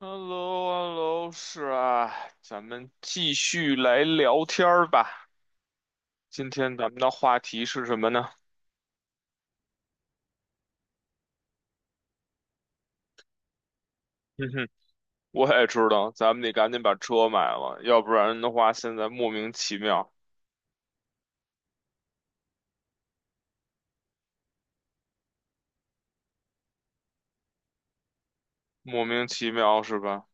哈喽，l l o h e l l o 是啊，咱们继续来聊天儿吧。今天咱们的话题是什么呢？哼哼，我也知道，咱们得赶紧把车买了，要不然的话，现在莫名其妙，莫名其妙是吧？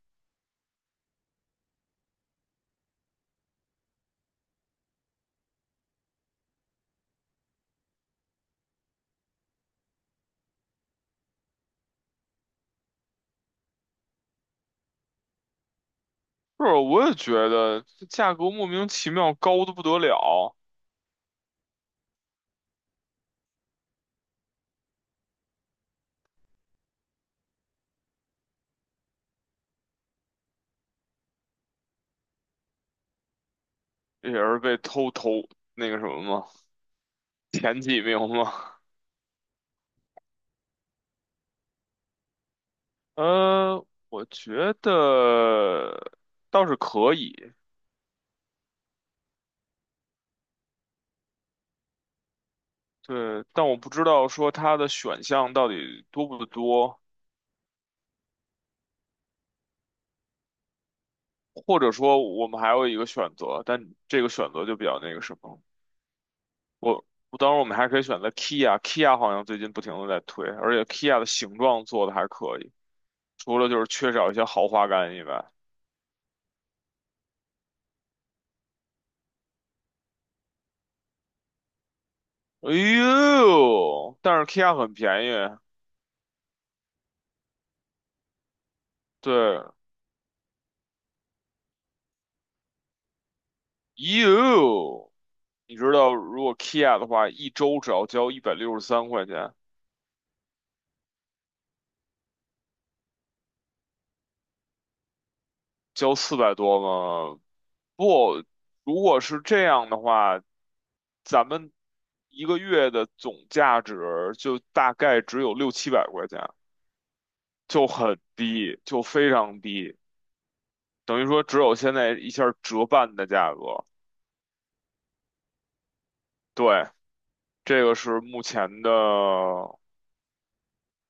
是，我也觉得这价格莫名其妙高的不得了，也是被偷偷那个什么吗？前几名吗？呃，我觉得倒是可以。对，但我不知道说它的选项到底多不多，或者说我们还有一个选择，但这个选择就比较那个什么。我，我当然我们还可以选择 Kia，Kia 好像最近不停的在推，而且 Kia 的形状做的还可以，除了就是缺少一些豪华感以外。哎呦，但是 Kia 很便宜，对，哎呦，你知道如果 Kia 的话，一周只要交163块钱，交400多吗？不，如果是这样的话，咱们一个月的总价值就大概只有六七百块钱，就很低，就非常低，等于说只有现在一下折半的价格。对，这个是目前的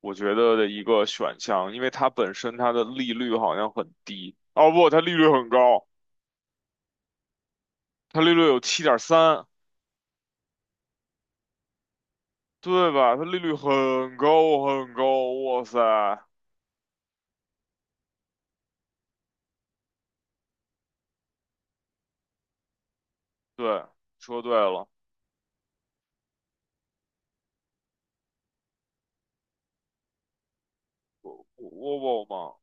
我觉得的一个选项，因为它本身它的利率好像很低，哦不，它利率很高，它利率有7.3，对吧？它利率很高很高，哇塞！对，说对了，Volvo 嘛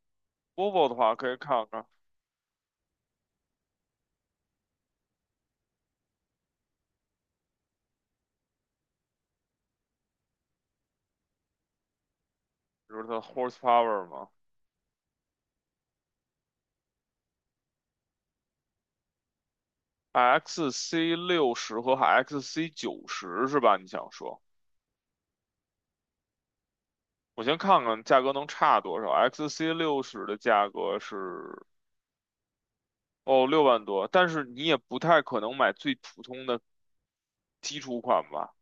，Volvo 的话可以看看，比如它的 horsepower 嘛，XC60和 XC90是吧？你想说，我先看看价格能差多少？XC 六十的价格是哦六万多，但是你也不太可能买最普通的基础款吧？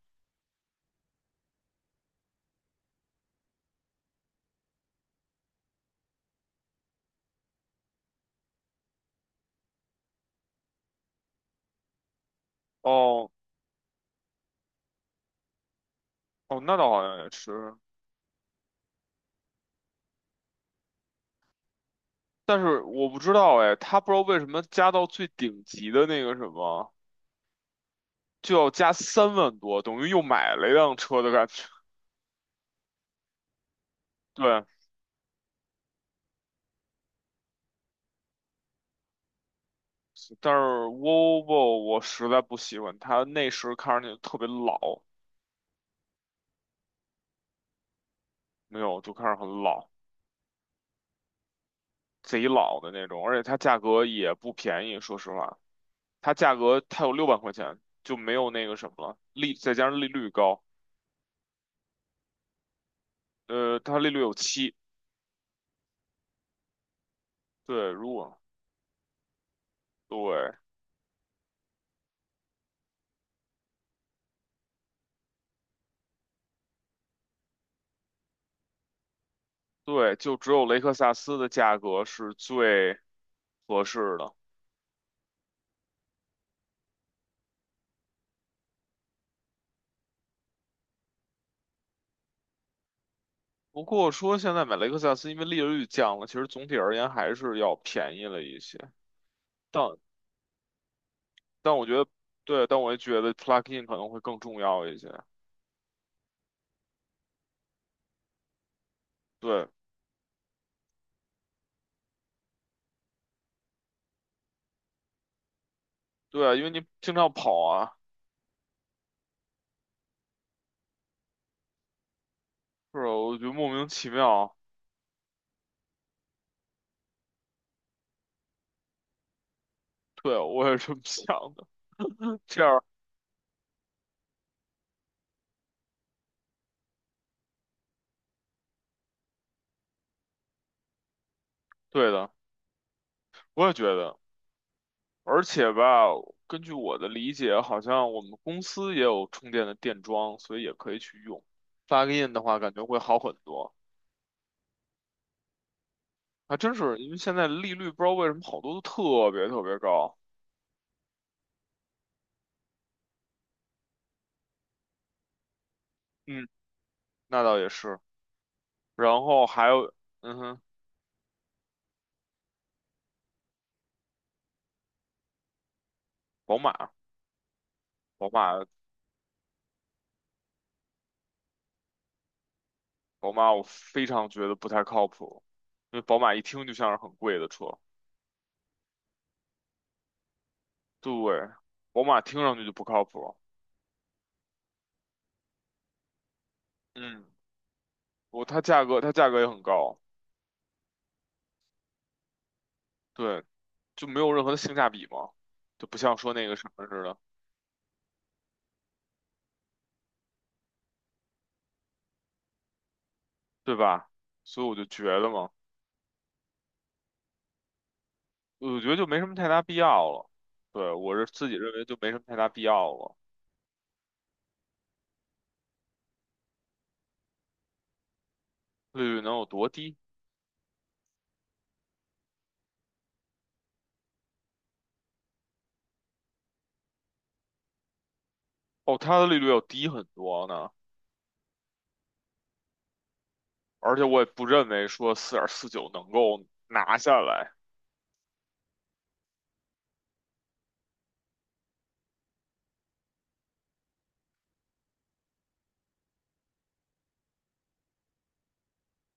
哦哦，那倒好像也是，但是我不知道哎，它不知道为什么加到最顶级的那个什么。就要加3万多，等于又买了一辆车的感觉。对，但是 Volvo 我实在不喜欢，它内饰看上去特别老，没有就看着很老，贼老的那种，而且它价格也不便宜，说实话，它价格它有六万块钱，就没有那个什么了，利再加上利率高，它利率有七，对，如果对对，就只有雷克萨斯的价格是最合适的。不过说现在买雷克萨斯，因为利率降了，其实总体而言还是要便宜了一些。但但我觉得，对，但我也觉得 plug-in 可能会更重要一些。对，对啊，因为你经常跑啊，是吧？我觉得莫名其妙。对，我也是这么想的。这样，对的，我也觉得。而且吧，根据我的理解，好像我们公司也有充电的电桩，所以也可以去用。plug-in 的话，感觉会好很多。还真是，因为现在利率不知道为什么好多都特别特别高。嗯，那倒也是。然后还有，嗯哼，宝马，宝马，宝马，我非常觉得不太靠谱，因为宝马一听就像是很贵的车。对，宝马听上去就不靠谱。嗯，我它价格它价格也很高，对，就没有任何的性价比嘛，就不像说那个什么似的，对吧？所以我就觉得嘛，我觉得就没什么太大必要了。对，我是自己认为就没什么太大必要了。利率能有多低？哦，它的利率要低很多呢，而且我也不认为说4.49能够拿下来。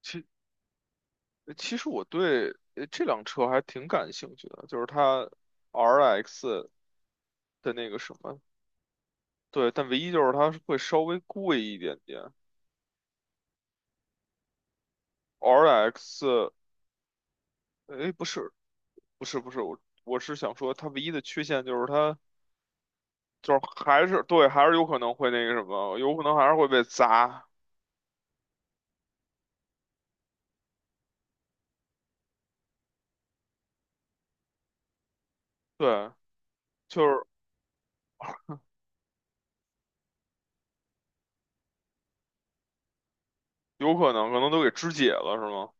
其其实我对这辆车还挺感兴趣的，就是它 RX 的那个什么，对，但唯一就是它是会稍微贵一点点。RX，哎，不是，不是，不是，我是想说它唯一的缺陷就是它就是还是对，还是有可能会那个什么，有可能还是会被砸，对。就是有可能，可能都给肢解了，是吗？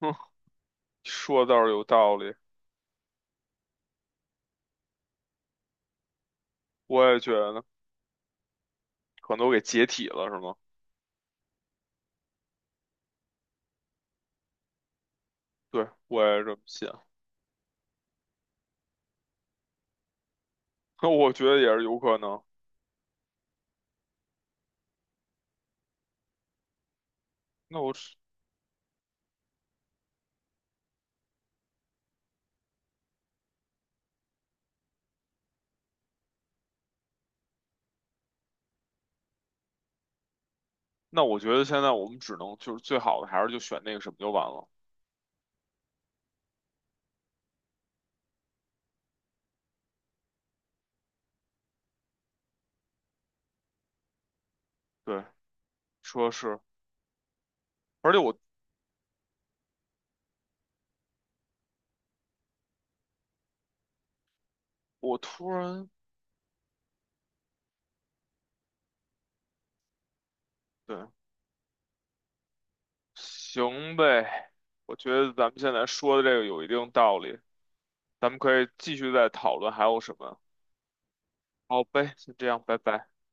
哼，说的倒是有道理，我也觉得，可能都给解体了，是吗？对，我也这么想。那我觉得也是有可能。那我是那我觉得现在我们只能就是最好的还是就选那个什么就完了。对，说是，而且我突然，对，行呗，我觉得咱们现在说的这个有一定道理，咱们可以继续再讨论还有什么。好呗，先这样，拜拜。